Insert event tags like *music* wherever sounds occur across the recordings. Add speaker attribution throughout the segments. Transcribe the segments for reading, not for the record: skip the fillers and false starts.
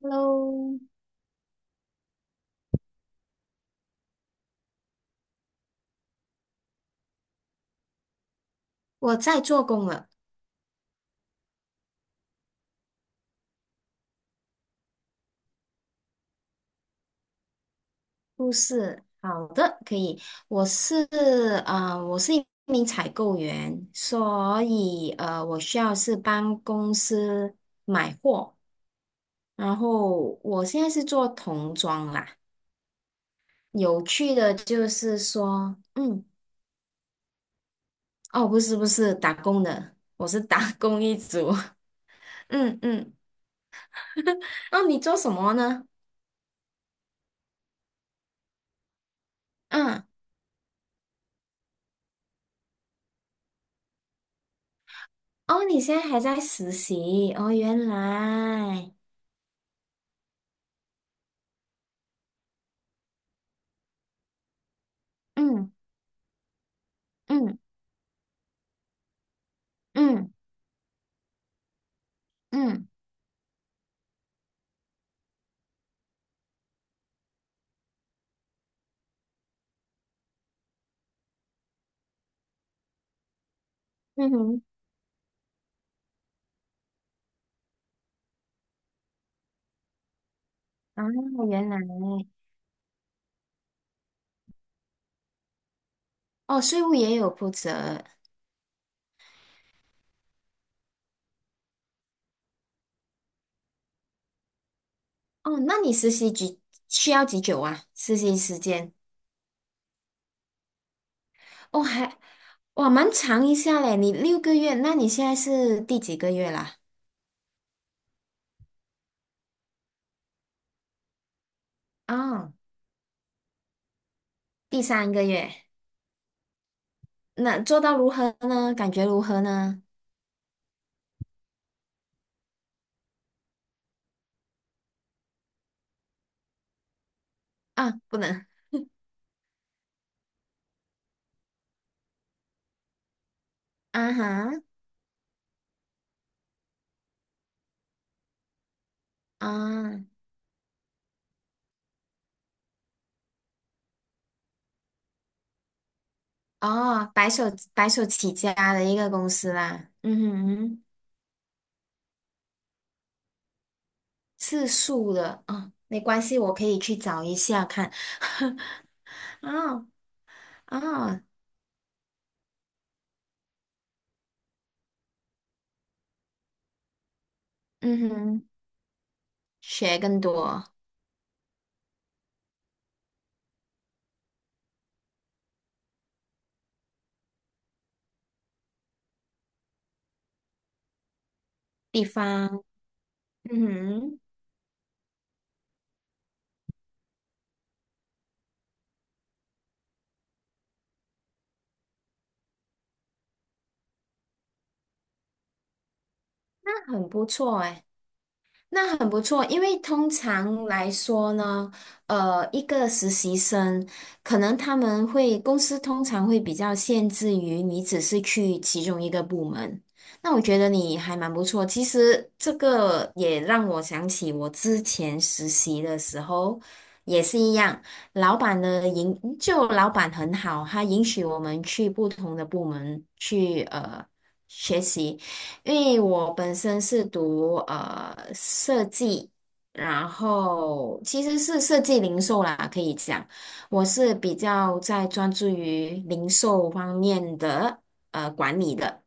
Speaker 1: Hello，我在做工了。护士，好的，可以。我是我是一名采购员，所以我需要是帮公司买货。然后我现在是做童装啦。有趣的就是说，嗯，哦，不是，打工的，我是打工一族。*laughs* 嗯嗯。*laughs* 哦，你做什么呢？嗯。哦，你现在还在实习哦，原来，嗯嗯嗯嗯嗯哼，啊，原来，哦，税务也有负责哦，那你实习几需要几久啊？实习时间哦，还哇蛮长一下嘞，你六个月，那你现在是第几个月啦？哦，第三个月，那做到如何呢？感觉如何呢？啊，不能啊哈啊。哦，白手起家的一个公司啦，嗯哼哼，次数的啊哦，没关系，我可以去找一下看。*laughs* 哦哦，嗯哼，学更多地方，嗯哼，那很不错哎。那很不错，因为通常来说呢，一个实习生可能他们会公司通常会比较限制于你只是去其中一个部门。那我觉得你还蛮不错。其实这个也让我想起我之前实习的时候也是一样，老板很好，他允许我们去不同的部门去学习。因为我本身是读设计，然后其实是设计零售啦，可以讲，我是比较在专注于零售方面的管理的。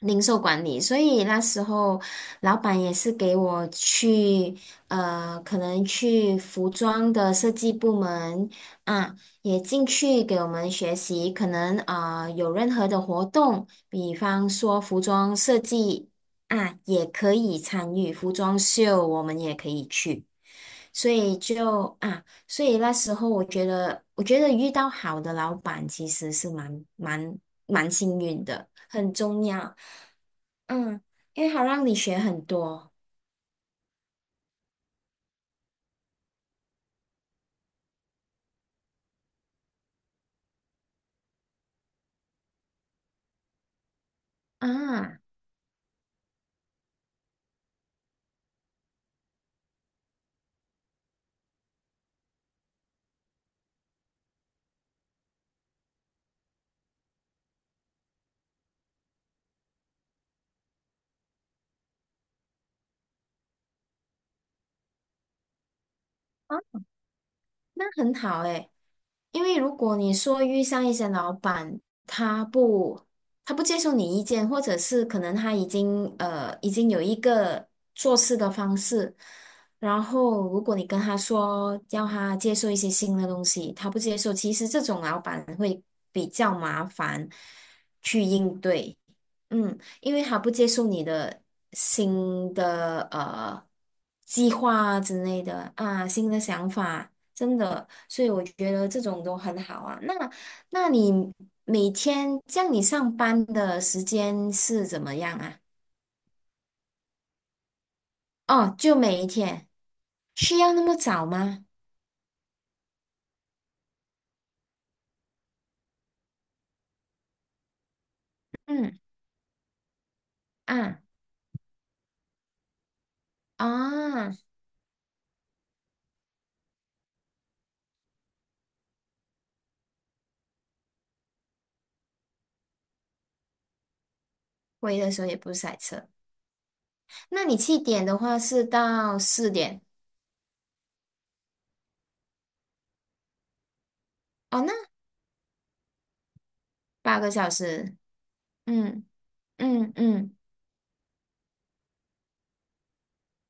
Speaker 1: 零售管理，所以那时候老板也是给我去，呃，可能去服装的设计部门啊，也进去给我们学习，可能啊，有任何的活动，比方说服装设计啊，也可以参与服装秀，我们也可以去，所以就啊。所以那时候我觉得遇到好的老板其实是蛮幸运的，很重要。嗯，因为好让你学很多啊，啊，那很好诶。因为如果你说遇上一些老板，他不他不接受你意见，或者是可能他已经有一个做事的方式，然后如果你跟他说要他接受一些新的东西，他不接受，其实这种老板会比较麻烦去应对，嗯，因为他不接受你的新的计划之类的啊，新的想法。真的，所以我觉得这种都很好啊。那你每天这样，你上班的时间是怎么样啊？哦，就每一天，需要那么早吗？嗯啊啊，回的时候也不塞车。那你七点的话是到四点哦，那八个小时，嗯嗯嗯，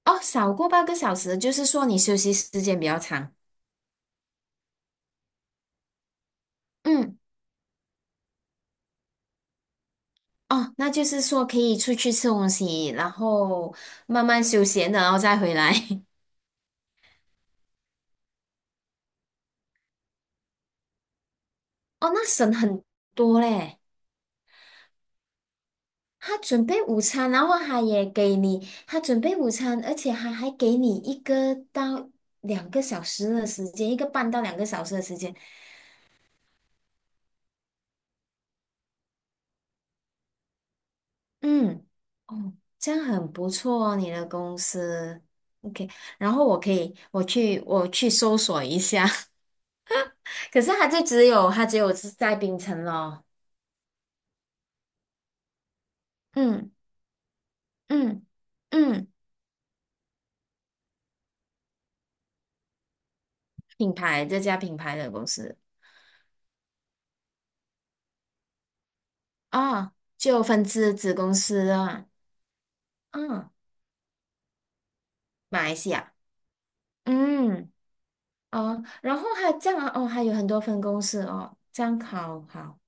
Speaker 1: 哦，少过八个小时，就是说你休息时间比较长。嗯。哦，那就是说可以出去吃东西，然后慢慢休闲的然后再回来。*laughs* 哦，那省很多嘞。他准备午餐，然后他也给你，他准备午餐，而且他还给你一个到两个小时的时间，一个半到两个小时的时间。嗯，哦，这样很不错哦，你的公司。OK，然后我可以，我去，我去搜索一下。*laughs* 可是他只有是在槟城咯。嗯。嗯嗯，这家品牌的公司啊，就分支子公司啊，嗯，马来西亚，嗯哦，然后还这样啊哦，还有很多分公司哦，这样好好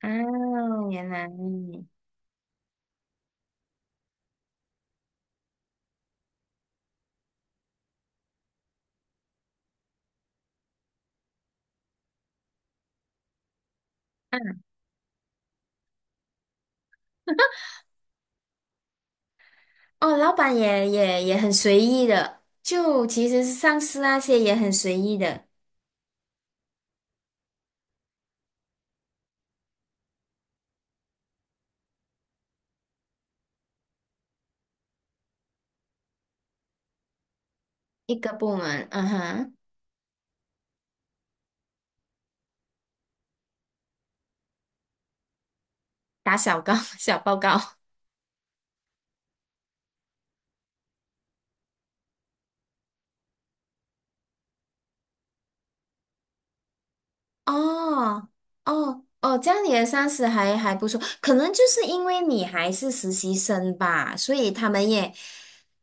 Speaker 1: 啊，原来哦，老板也也很随意的，就其实是上司那些也很随意的一个部门，嗯哼，打小告 *laughs* 小报告，哦哦哦，这样你的上司还不错，可能就是因为你还是实习生吧，所以他们也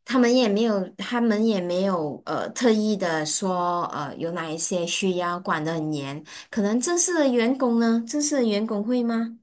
Speaker 1: 他们也没有他们也没有特意的说有哪一些需要管得很严，可能正式的员工呢，正式的员工会吗？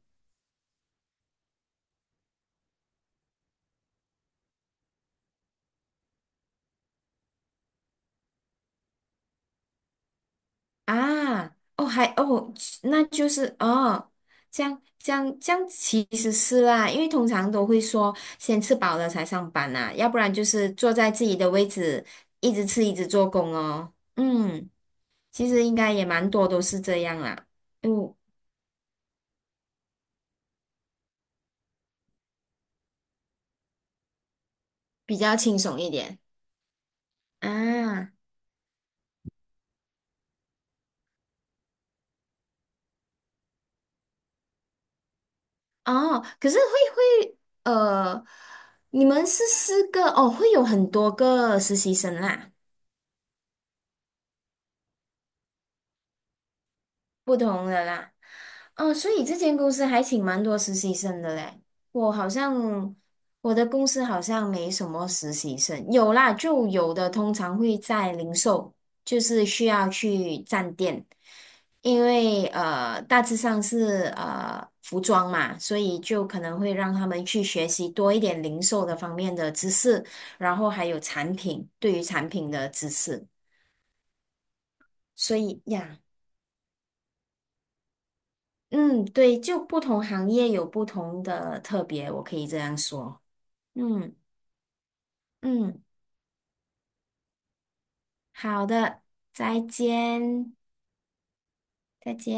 Speaker 1: 啊，哦，还哦，那就是哦，这样其实是啦，因为通常都会说先吃饱了才上班呐、要不然就是坐在自己的位置一直吃一直做工哦。嗯，其实应该也蛮多都是这样啦，嗯，比较轻松一点啊。哦，可是会会呃，你们是四个哦，会有很多个实习生啦。不同的啦。哦，所以这间公司还请蛮多实习生的嘞。我好像我的公司好像没什么实习生，有啦，就有的通常会在零售，就是需要去站店，因为大致上是服装嘛，所以就可能会让他们去学习多一点零售的方面的知识，然后还有产品，对于产品的知识。所以呀。嗯，对，就不同行业有不同的特别，我可以这样说。嗯嗯，好的，再见，再见。